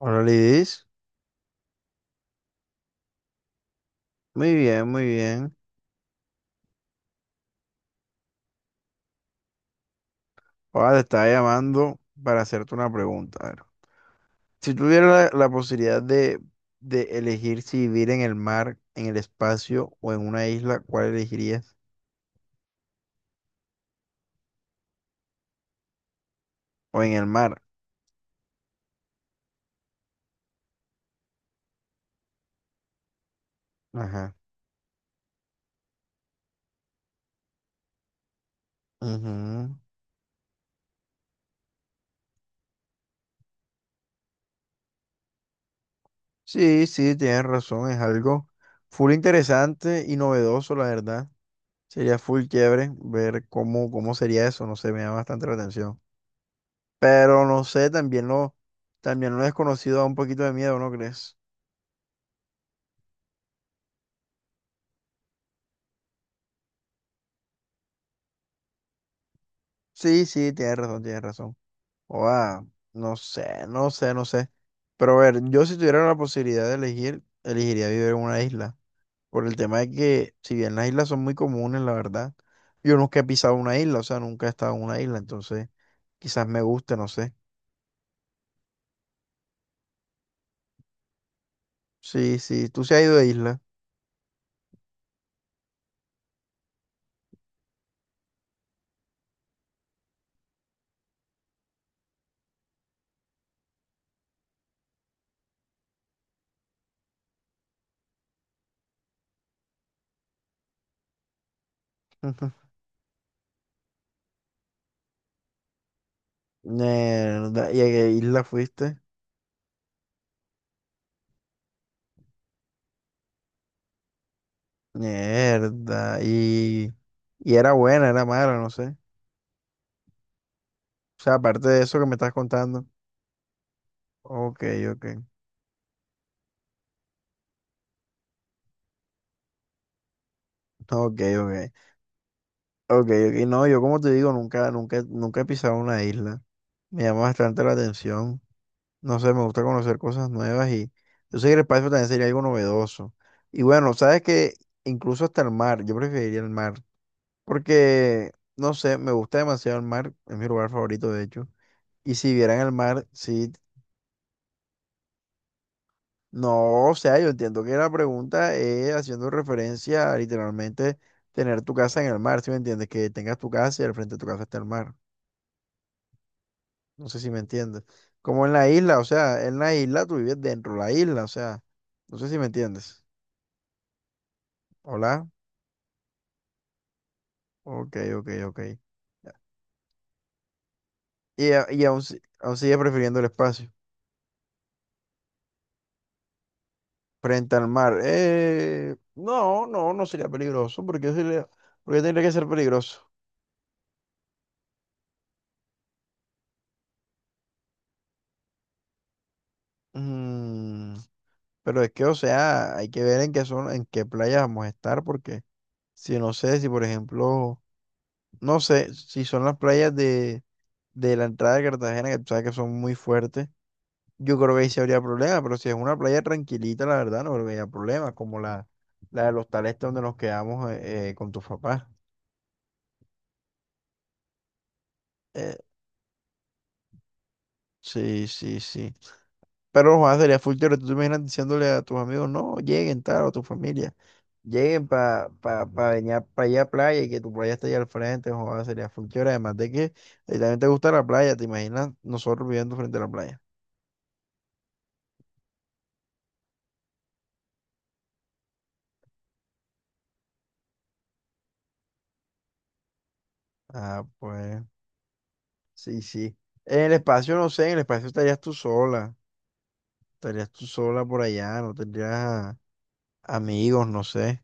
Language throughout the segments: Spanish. Hola Lidis, muy bien, muy bien. Ahora te estaba llamando para hacerte una pregunta. A ver, si tuvieras la posibilidad de elegir si vivir en el mar, en el espacio o en una isla, ¿cuál elegirías? O en el mar. Ajá. Ujú. Sí, sí, tienes razón, es algo full interesante y novedoso, la verdad. Sería full chévere ver cómo sería eso, no sé, me llama bastante la atención. Pero no sé, también lo desconocido da un poquito de miedo, ¿no crees? Sí, sí, tienes razón, tienes razón. Oa, no sé, no sé, no sé. Pero a ver, yo si tuviera la posibilidad de elegir, elegiría vivir en una isla. Por el tema de que, si bien las islas son muy comunes, la verdad, yo nunca he pisado una isla, o sea, nunca he estado en una isla, entonces quizás me guste, no sé. Sí, sí, tú se has ido de isla. Mierda, ¿y a qué isla fuiste? Mierda, y era buena, era mala, no sé. O sea, aparte de eso que me estás contando. Ok, ok. Ok, ok. Ok, ok. No, yo como te digo, nunca, nunca, nunca he pisado una isla. Me llama bastante la atención. No sé, me gusta conocer cosas nuevas y yo sé que el espacio también sería algo novedoso. Y bueno, sabes que incluso hasta el mar, yo preferiría el mar. Porque, no sé, me gusta demasiado el mar, es mi lugar favorito de hecho. Y si vieran el mar, sí. No, o sea, yo entiendo que la pregunta es haciendo referencia a literalmente tener tu casa en el mar, ¿sí me entiendes? Que tengas tu casa y al frente de tu casa está el mar. No sé si me entiendes. Como en la isla, o sea, en la isla tú vives dentro de la isla, o sea, no sé si me entiendes. Hola. Ok, ok, ok. Y, y aún, aún sigue prefiriendo el espacio frente al mar. No, no, no sería peligroso, porque sería, porque tendría que ser peligroso. Mm, pero es que, o sea, hay que ver en qué playa vamos a estar, porque si no sé, si por ejemplo. No sé si son las playas de la entrada de Cartagena, que tú sabes que son muy fuertes. Yo creo que ahí sí habría problema, pero si es una playa tranquilita, la verdad, no habría problema, como la de los tales donde nos quedamos con tus papás. Eh, sí, sí, sí. Pero Juan, sería full teórico. Tú te imaginas diciéndole a tus amigos, no, lleguen tal, o a tu familia, lleguen para pa, pa pa venir para allá a playa y que tu playa esté allá al frente, Juan, sería full teórico. Además de que a ti también te gusta la playa, te imaginas nosotros viviendo frente a la playa. Ah, pues. Sí, sí. En el espacio, no sé, en el espacio estarías tú sola. Estarías tú sola por allá, no tendrías amigos, no sé.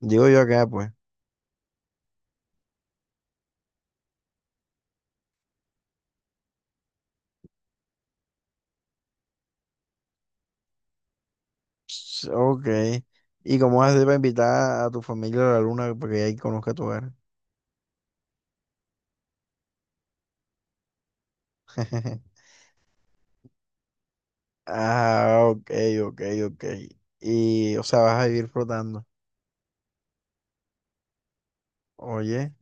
Digo yo acá, pues. Ok. ¿Y cómo vas a hacer para invitar a tu familia a la luna para que ahí conozca tu hogar? Ah, ok, ok, ok. Y, o sea, vas a vivir flotando. Oye,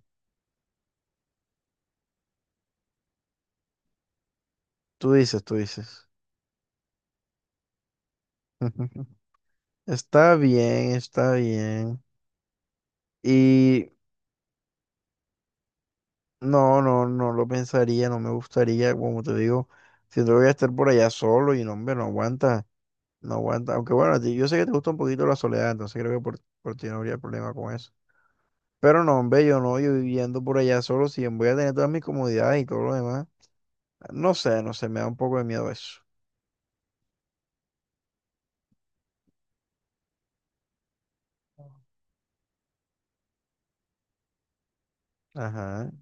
tú dices, tú dices. Está bien, está bien. Y No, no, no lo pensaría, no me gustaría, como te digo, siento que voy a estar por allá solo y no, hombre, no aguanta, no aguanta. Aunque bueno, yo sé que te gusta un poquito la soledad, entonces creo que por ti no habría problema con eso. Pero no, hombre, yo no, yo viviendo por allá solo, si voy a tener todas mis comodidades y todo lo demás. No sé, no sé, me da un poco de miedo eso. Ajá.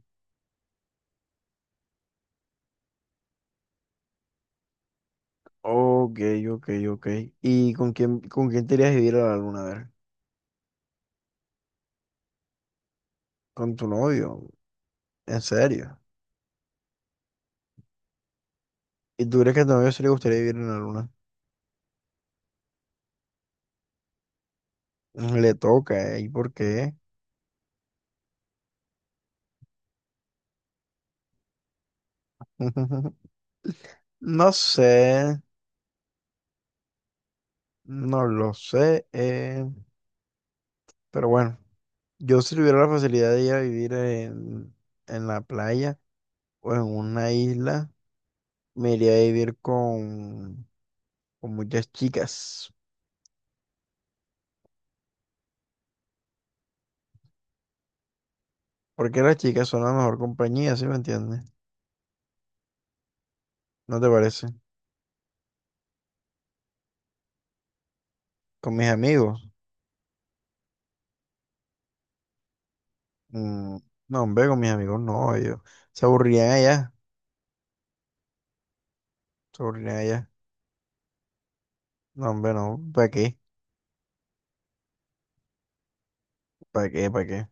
Ok, ok, ok. ¿Y con quién te irías a vivir a la luna? A ver, con tu novio, en serio. ¿Y tú crees que a tu novio sí le gustaría vivir en la luna? Le toca, ¿eh? ¿Y por qué? No sé, no lo sé, pero bueno, yo si tuviera la facilidad de ir a vivir en la playa o en una isla, me iría a vivir con muchas chicas, porque las chicas son la mejor compañía, ¿sí me entiendes? ¿No te parece? Con mis amigos, mm, no, hombre, con mis amigos no, ellos se aburrían allá, se aburrían allá, no, hombre, no, ¿para qué? ¿Para qué? ¿Para qué?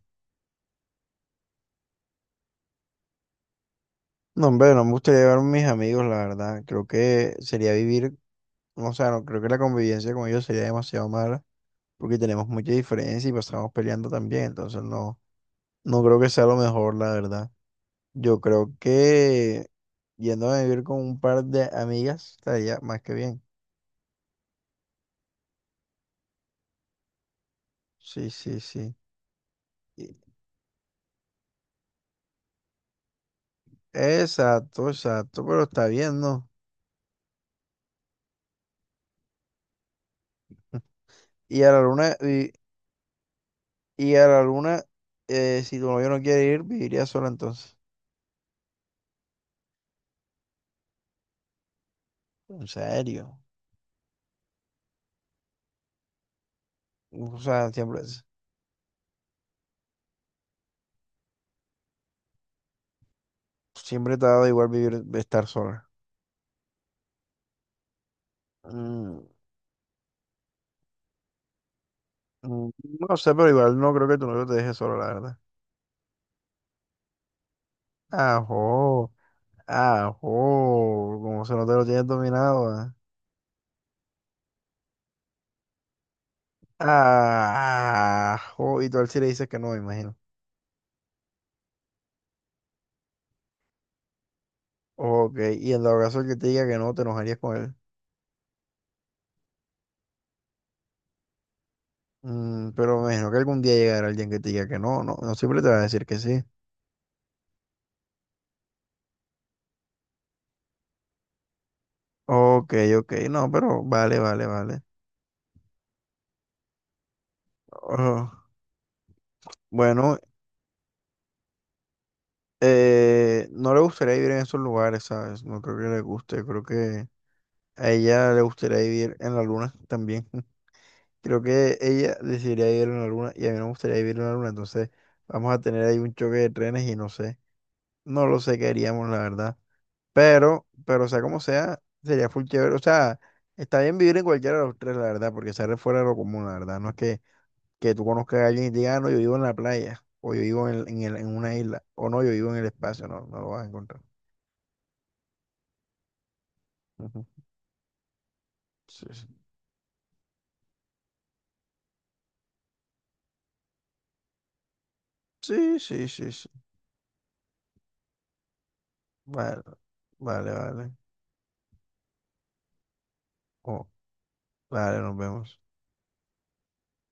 No, hombre, no me gustaría llevar a mis amigos, la verdad. Creo que sería vivir, o sea, no, creo que la convivencia con ellos sería demasiado mala, porque tenemos mucha diferencia y pasamos peleando también, entonces no, no creo que sea lo mejor, la verdad. Yo creo que yendo a vivir con un par de amigas estaría más que bien. Sí, sí, sí. Y- Exacto, exacto, pero está bien, ¿no? Y a la luna, y a la luna, si tu novio no quiere ir, viviría sola entonces. En serio. O sea, siempre. Siempre te ha dado igual vivir, estar sola. Mm, mm, no sé, pero igual no creo que tu novio te deje sola, la verdad. Ajo, ajo, como se no te lo tienes dominado, ah. Ajo, y tú a él sí le dices que no, me imagino. Ok, y en dado caso el que te diga que no, te enojarías con él. Pero me imagino que algún día llegará alguien que te diga que no, no, no siempre te va a decir que sí. Ok, ok, no, pero vale, vale, vale. Oh, bueno, no le gustaría vivir en esos lugares, ¿sabes? No creo que le guste, creo que a ella le gustaría vivir en la luna también. Creo que ella decidiría vivir en la luna y a mí no me gustaría vivir en la luna, entonces vamos a tener ahí un choque de trenes y no sé, no lo sé qué haríamos, la verdad. Pero sea como sea, sería full chévere, o sea, está bien vivir en cualquiera de los tres, la verdad, porque sale fuera de lo común, la verdad, no es que tú conozcas a alguien y te diga, "Ah, no, yo vivo en la playa, o yo vivo en una isla, o no, yo vivo en el espacio, no, no lo vas a encontrar." Sí, sí, sí, sí, sí. Vale, vale, vale. Oh, vale, nos vemos.